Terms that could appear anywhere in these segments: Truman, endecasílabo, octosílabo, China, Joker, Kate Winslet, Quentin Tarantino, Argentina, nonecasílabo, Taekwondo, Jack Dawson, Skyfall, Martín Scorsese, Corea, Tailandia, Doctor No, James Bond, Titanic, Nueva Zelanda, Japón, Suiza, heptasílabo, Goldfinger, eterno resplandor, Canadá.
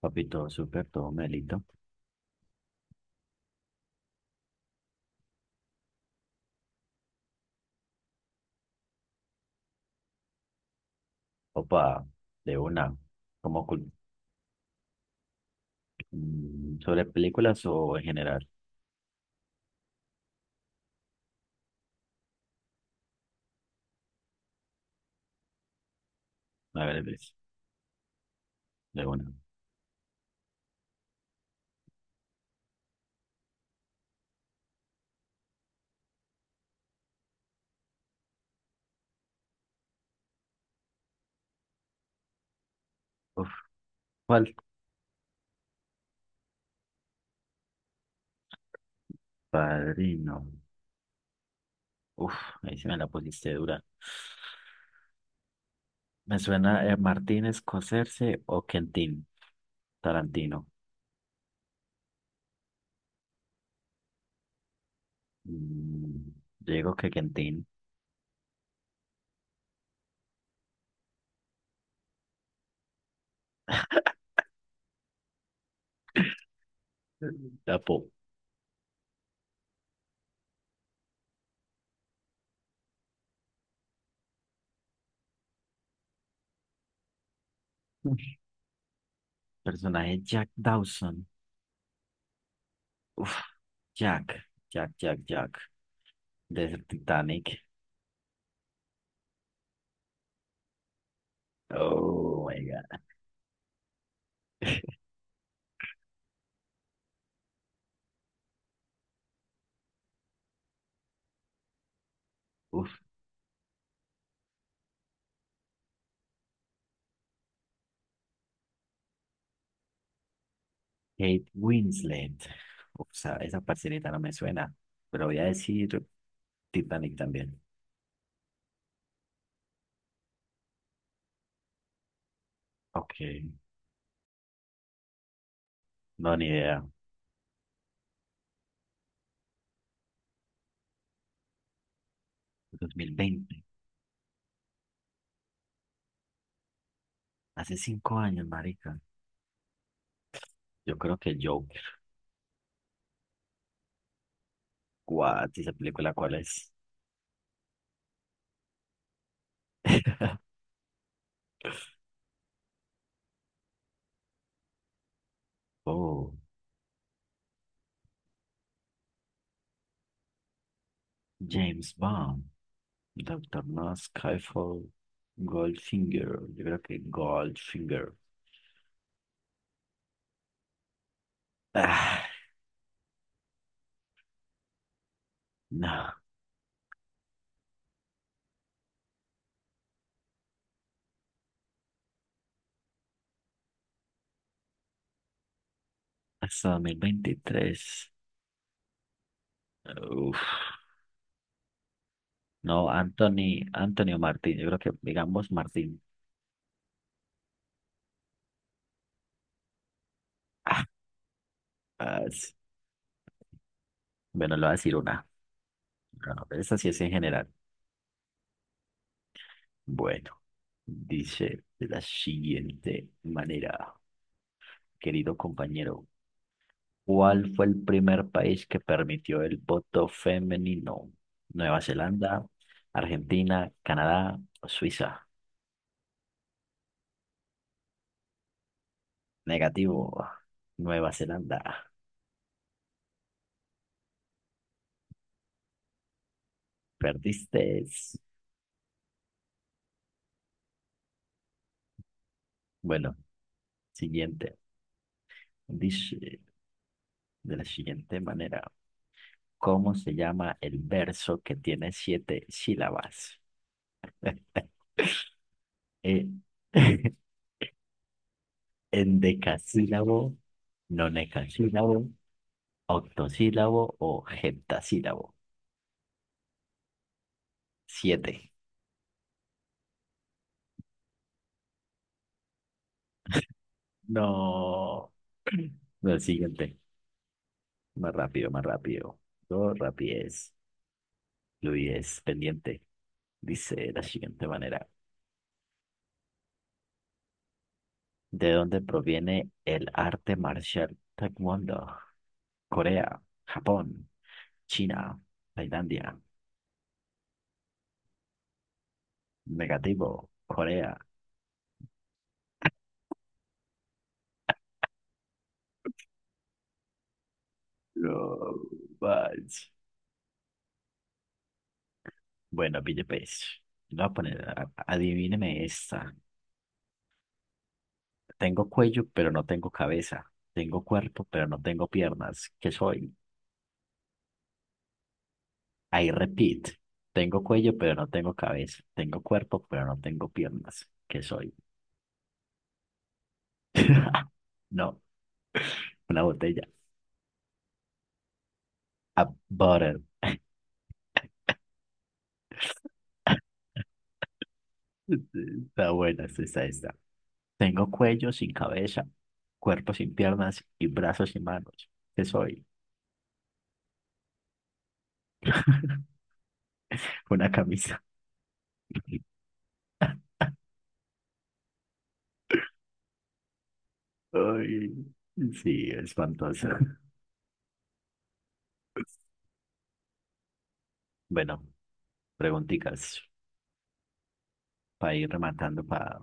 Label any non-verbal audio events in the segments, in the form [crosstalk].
Papi, todo súper, todo melito. Opa, de una. Como cul- Sobre películas o en general. A ver, ves, de una. Uf, ¿cuál? Padrino. Uf, ahí se me la pusiste dura. Me suena Martín Scorsese o Quentin Tarantino. Mm, yo digo que Quentin. Tapo. Personaje Jack Dawson. Uf, Jack, Jack, Jack, Jack. De Titanic. Oh my God. [laughs] Uf. Kate Winslet. O sea, esa parcerita no me suena, pero voy a decir Titanic también. Ok, no, ni idea. 2020, hace 5 años, marica. Yo creo que Joker. What? ¿Esa película cuál es? [laughs] Oh, James Bond, Doctor No, Skyfall, Goldfinger. Yo creo que Goldfinger. Ah, no, hasta 2023. Uf. No, Anthony, Anthony o Martín, yo creo que digamos Martín. Ah, ah, sí. Bueno, le voy a decir una. No, esa sí es en general. Bueno, dice de la siguiente manera, querido compañero, ¿cuál fue el primer país que permitió el voto femenino? ¿Nueva Zelanda, Argentina, Canadá o Suiza? Negativo, Nueva Zelanda. Perdiste. Bueno, siguiente. Dice de la siguiente manera. ¿Cómo se llama el verso que tiene 7 sílabas? Eh, [laughs] endecasílabo, nonecasílabo, octosílabo o heptasílabo. 7. No. [clears throat] No, el siguiente. Más rápido, más rápido. Dos rapidez. Luis, pendiente. Dice de la siguiente manera. ¿De dónde proviene el arte marcial Taekwondo? Corea, Japón, China, Tailandia. Negativo. Corea. No manches. Bueno, pille pues. Le voy a poner, adivíneme esta. Tengo cuello, pero no tengo cabeza. Tengo cuerpo, pero no tengo piernas. ¿Qué soy? I repeat. Tengo cuello, pero no tengo cabeza. Tengo cuerpo, pero no tengo piernas. ¿Qué soy? [laughs] No, una botella. A butter. Está buena, esta está. Esta. Tengo cuello sin cabeza, cuerpo sin piernas y brazos sin manos. ¿Qué soy? Una camisa. Ay, sí, espantoso. [laughs] Bueno, preguntitas para ir rematando, para,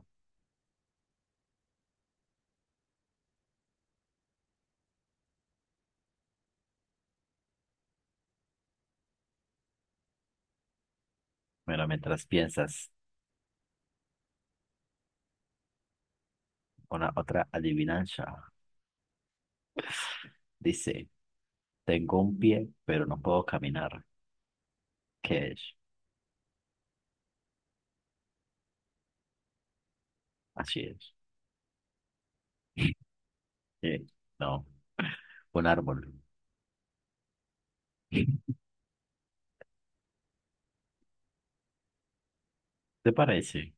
bueno, mientras piensas, una otra adivinanza. Dice, tengo un pie, pero no puedo caminar. ¿Qué es? Así es. Eh, No, un árbol. [laughs] ¿Te parece?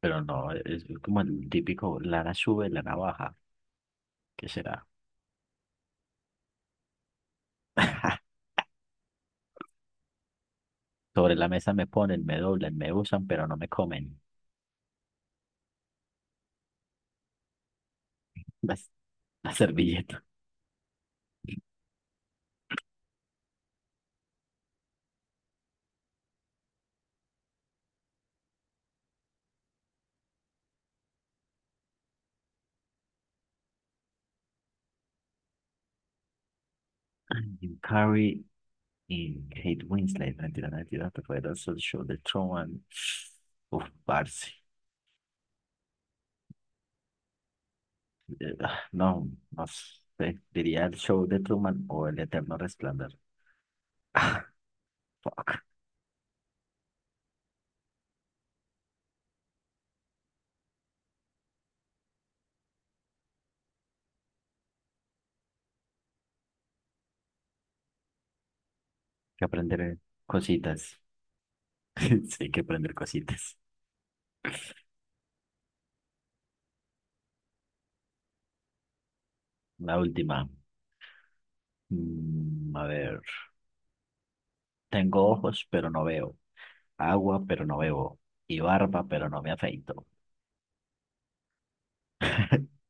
Pero no, es como el típico, lana sube, lana baja. ¿Qué será? [laughs] Sobre la mesa me ponen, me doblan, me usan, pero no me comen. [laughs] La, la servilleta. Ay, un Curry y Kate Winslet, mentira, mentira, te fue el show de Truman. Uf, parce. No, no sé, diría el show de Truman o el eterno resplandor. [laughs] Ah, fuck, que aprender cositas. [laughs] Sí, hay que aprender cositas. La última. Mm, a ver. Tengo ojos, pero no veo. Agua, pero no bebo. Y barba, pero no me afeito. [laughs]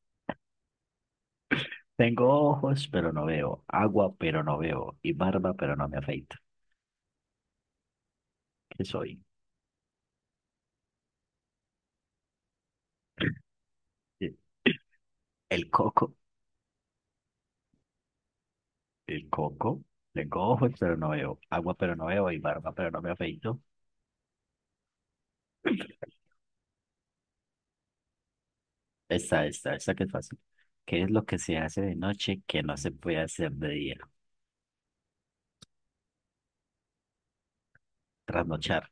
Tengo ojos, pero no veo. Agua, pero no veo. Y barba, pero no me afeito. ¿Qué soy? Sí. El coco, el coco. Tengo ojos, pero no veo. Agua, pero no veo. Y barba, pero no me afeito. Esta que es fácil. ¿Qué es lo que se hace de noche que no se puede hacer de día? Trasnochar.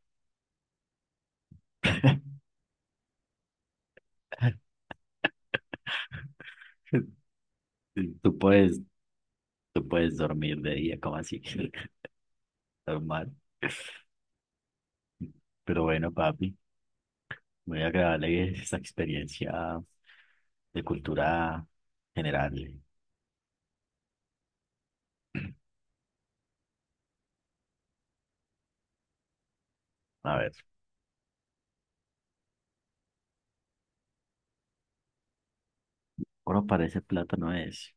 [laughs] Tú puedes, tú puedes dormir de día, como así? [laughs] Normal. Pero bueno, papi, muy agradable esta experiencia de cultura general. A ver, oro parece plátano es.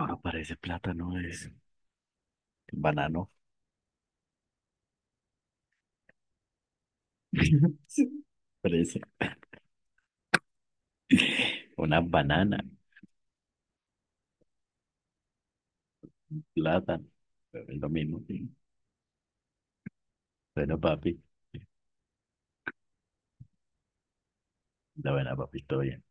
Oro parece plátano es. Banano. [laughs] Fresa, una banana, plátano, es lo mismo. Sí. Bueno, papi, la buena, papi, todo bien.